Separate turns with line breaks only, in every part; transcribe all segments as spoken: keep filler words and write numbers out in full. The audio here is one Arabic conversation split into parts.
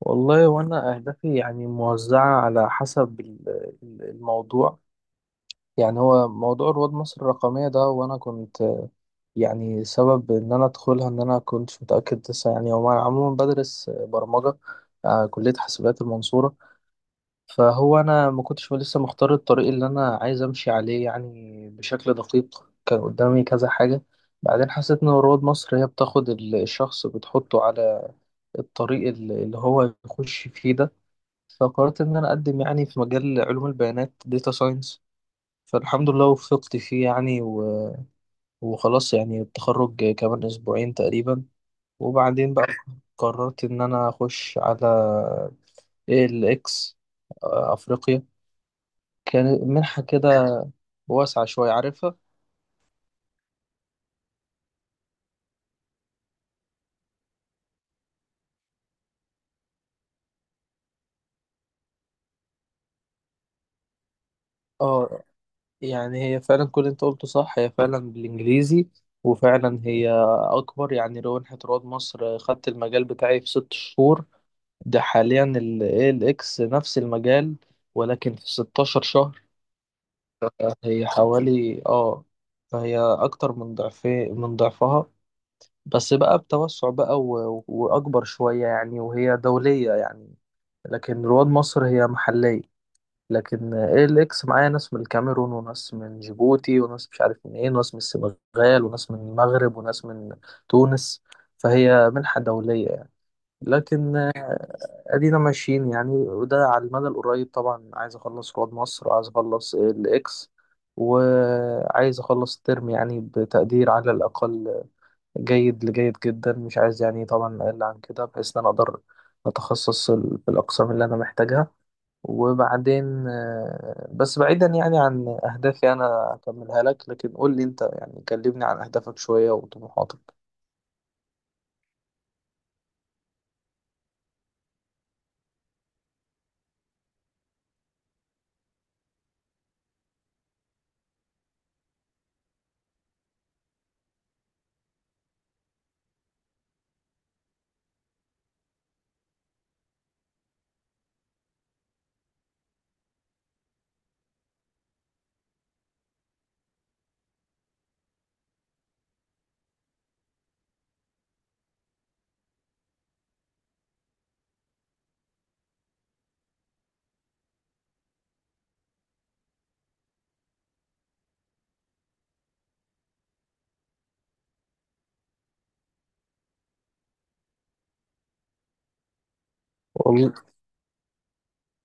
والله وانا اهدافي يعني موزعه على حسب ال- ال- الموضوع. يعني هو موضوع رواد مصر الرقميه ده، وانا كنت آه، يعني سبب ان انا ادخلها، ان انا كنتش متاكد لسه يعني. هو انا عموما بدرس آه، برمجه، آه، كليه حاسبات المنصوره. فهو انا ما كنتش لسه مختار الطريق اللي انا عايز امشي عليه يعني بشكل دقيق، كان قدامي كذا حاجه. بعدين حسيت ان رواد مصر هي بتاخد ال- الشخص بتحطه على الطريق اللي اللي هو يخش فيه ده. فقررت إن أنا أقدم يعني في مجال علوم البيانات، داتا ساينس. فالحمد لله وفقت فيه يعني و... وخلاص يعني، التخرج كمان أسبوعين تقريبا. وبعدين بقى قررت إن أنا أخش على إيه إل إكس، آه، أفريقيا، كانت منحة كده واسعة شوية، عارفها. اه، يعني هي فعلا كل اللي انت قلته صح، هي فعلا بالإنجليزي. وفعلا هي أكبر، يعني لو منحة رواد مصر خدت المجال بتاعي في ست شهور، ده حاليا ال A L X نفس المجال ولكن في 16 شهر. هي حوالي اه، فهي أكتر من ضعفي من ضعفها. بس بقى بتوسع بقى و... وأكبر شوية يعني، وهي دولية يعني. لكن رواد مصر هي محلية. لكن إيه إل إكس معايا ناس من الكاميرون، وناس من جيبوتي، وناس مش عارف منين، وناس من السنغال، وناس من المغرب، وناس من تونس. فهي منحة دولية يعني. لكن ادينا ماشيين يعني، وده على المدى القريب طبعا. عايز اخلص رواد مصر، وعايز اخلص الاكس، وعايز اخلص الترم يعني بتقدير على الاقل جيد لجيد جدا، مش عايز يعني طبعا اقل عن كده، بحيث ان انا اقدر اتخصص ال- في الاقسام اللي انا محتاجها. وبعدين آه، بس بعيدا يعني عن اهدافي، انا هكملها لك، لكن قول لي انت، يعني كلمني عن اهدافك شوية وطموحاتك.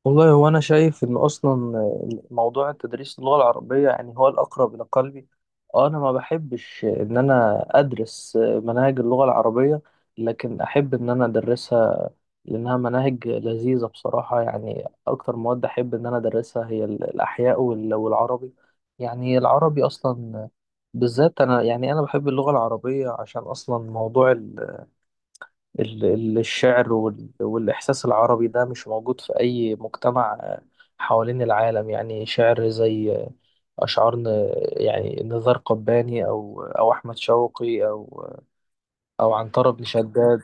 والله هو أنا شايف إن أصلا موضوع التدريس، اللغة العربية يعني، هو الأقرب إلى قلبي. آه، أنا ما بحبش إن أنا أدرس مناهج اللغة العربية، لكن أحب إن أنا أدرسها، لأنها مناهج لذيذة بصراحة. يعني أكتر مواد أحب إن أنا أدرسها هي الأحياء وال- والعربي. يعني العربي أصلا بالذات، أنا يعني أنا بحب اللغة العربية، عشان أصلا موضوع ال- ال- الشعر وال- والإحساس العربي ده مش موجود في أي مجتمع آه، حوالين العالم. يعني شعر زي آه، أشعار ن- يعني نزار قباني أو أو أحمد شوقي أو أو عنترة بن شداد.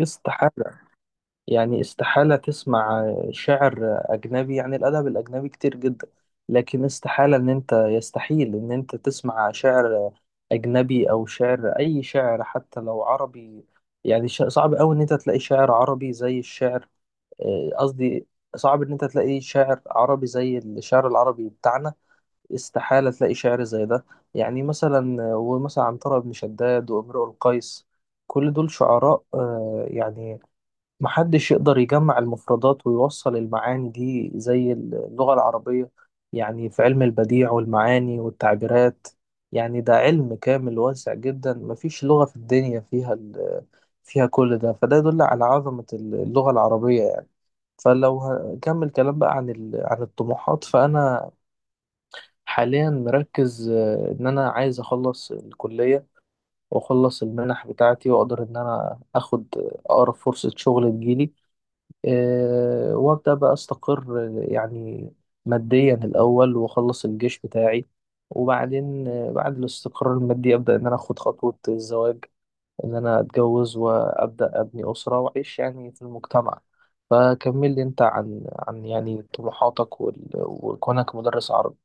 استحالة، يعني استحالة تسمع شعر أجنبي. يعني الأدب الأجنبي كتير جدا، لكن استحالة إن أنت، يستحيل إن أنت تسمع شعر أجنبي أو شعر، أي شعر حتى لو عربي. يعني ش- صعب أوي إن أنت تلاقي شعر عربي زي الشعر، آه، قصدي صعب إن أنت تلاقي شعر عربي زي الشعر العربي بتاعنا. استحالة تلاقي شعر زي ده. يعني مثلا، ومثلا عنترة بن شداد وامرؤ القيس، كل دول شعراء آه، يعني محدش يقدر يجمع المفردات ويوصل المعاني دي زي اللغة العربية. يعني في علم البديع والمعاني والتعبيرات، يعني ده علم كامل واسع جدا، مفيش لغة في الدنيا فيها ال- فيها كل ده، فده يدل على عظمة اللغة العربية يعني. فلو هكمل كلام بقى عن ال- عن الطموحات، فأنا حاليا مركز آه، إن أنا عايز أخلص الكلية، وأخلص المنح بتاعتي، وأقدر إن أنا أخد آه، أقرب فرصة شغل تجيلي، آه، وابدا بقى استقر آه، يعني ماديا الاول، واخلص الجيش بتاعي. وبعدين آه، بعد الاستقرار المادي ابدا ان انا اخد خطوه الزواج، ان انا اتجوز، وابدا ابني اسره واعيش يعني في المجتمع. فكمل لي انت عن عن يعني طموحاتك وال- وكونك مدرس عربي.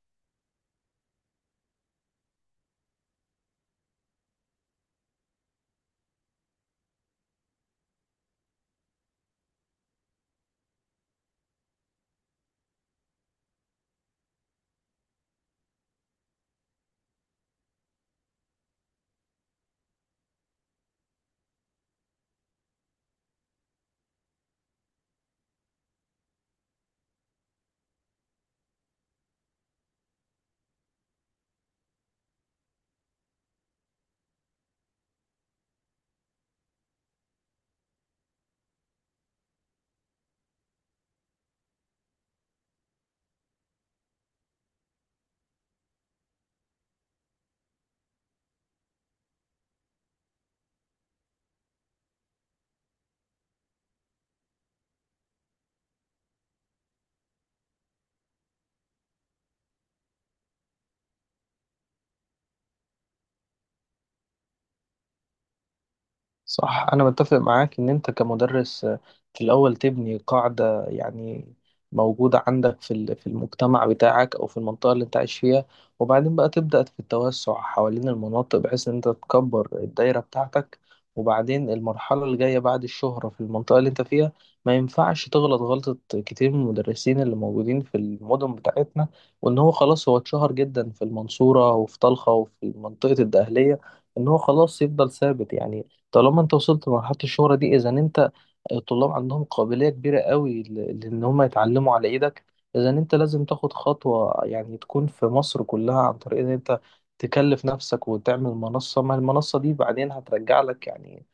صح، أنا متفق معاك إن أنت كمدرس آه، في الأول تبني قاعدة يعني موجودة عندك في ال- في المجتمع بتاعك، أو في المنطقة اللي أنت عايش فيها. وبعدين بقى تبدأ في التوسع حوالين المناطق، بحيث إن أنت تكبر الدايرة بتاعتك. وبعدين المرحلة اللي جاية بعد الشهرة في المنطقة اللي أنت فيها، ما ينفعش تغلط غلطة كتير من المدرسين اللي موجودين في المدن بتاعتنا، وإن هو خلاص، هو اتشهر جدا في المنصورة وفي طلخة وفي منطقة الدقهلية، إن هو خلاص يفضل ثابت يعني. طالما انت وصلت لمرحلة الشهرة دي، اذا انت، الطلاب عندهم قابلية كبيرة قوي ل- لان هم يتعلموا على ايدك، اذا انت لازم تاخد خطوة يعني تكون في مصر كلها، عن طريق ان انت تكلف نفسك وتعمل منصة، ما المنصة دي بعدين هترجع لك يعني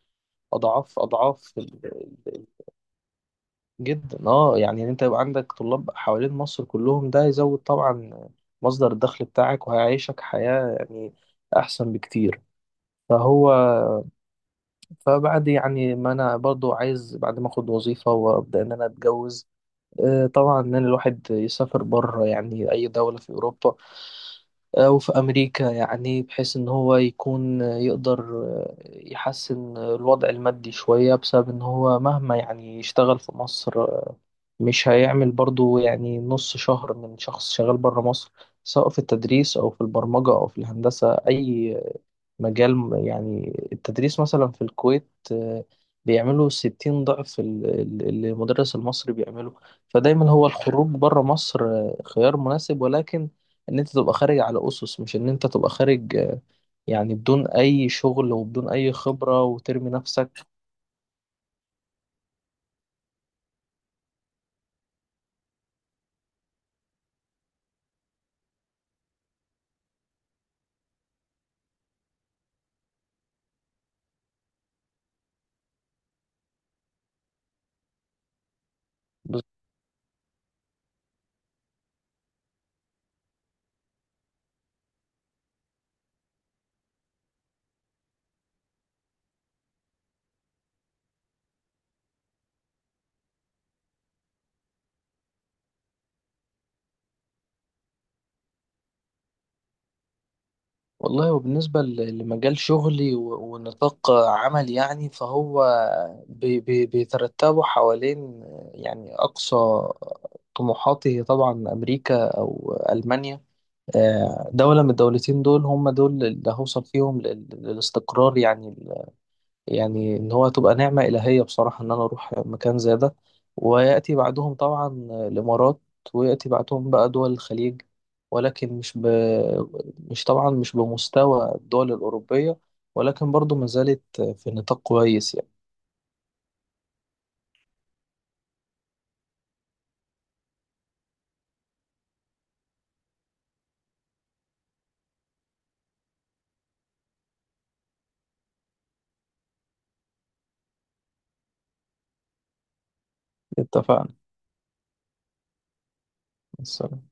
اضعاف اضعاف، ال- ال- جدا، اه يعني ان انت يبقى عندك طلاب حوالين مصر كلهم، ده يزود طبعا مصدر الدخل بتاعك، وهيعيشك حياة يعني احسن بكتير. فهو فبعد يعني ما انا، برضو عايز بعد ما اخد وظيفة وابدا ان انا اتجوز، آه، طبعا ان أنا الواحد يسافر بره، يعني اي دولة في اوروبا او في امريكا، يعني بحيث ان هو يكون يقدر آه، يحسن الوضع المادي شوية، بسبب ان هو مهما يعني يشتغل في مصر آه، مش هيعمل برضو يعني نص شهر من شخص شغال بره مصر، سواء في التدريس، او في البرمجة، او في الهندسة، اي مجال يعني. التدريس مثلا في الكويت آه، بيعملوا 60 ضعف ال- ال- اللي المدرس المصري بيعمله. فدايما هو الخروج بره مصر آه، خيار مناسب، ولكن ان انت تبقى خارج على اسس، مش ان انت تبقى خارج آه، يعني بدون اي شغل وبدون اي خبرة وترمي نفسك. والله، وبالنسبة ل- لمجال شغلي و- ونطاق عمل، يعني فهو بي- بي- بيترتبوا حوالين، يعني أقصى طموحاتي هي طبعا أمريكا أو ألمانيا. آه، دولة من الدولتين، دول هم دول اللي هوصل فيهم لل- للاستقرار يعني. يعني ان هو تبقى نعمة إلهية بصراحة، ان انا اروح مكان زي ده. ويأتي بعدهم طبعا الامارات، ويأتي بعدهم بقى دول الخليج، ولكن مش ب... مش طبعا مش بمستوى الدول الأوروبية، ولكن برضو ما زالت في نطاق كويس يعني. اتفقنا، السلام.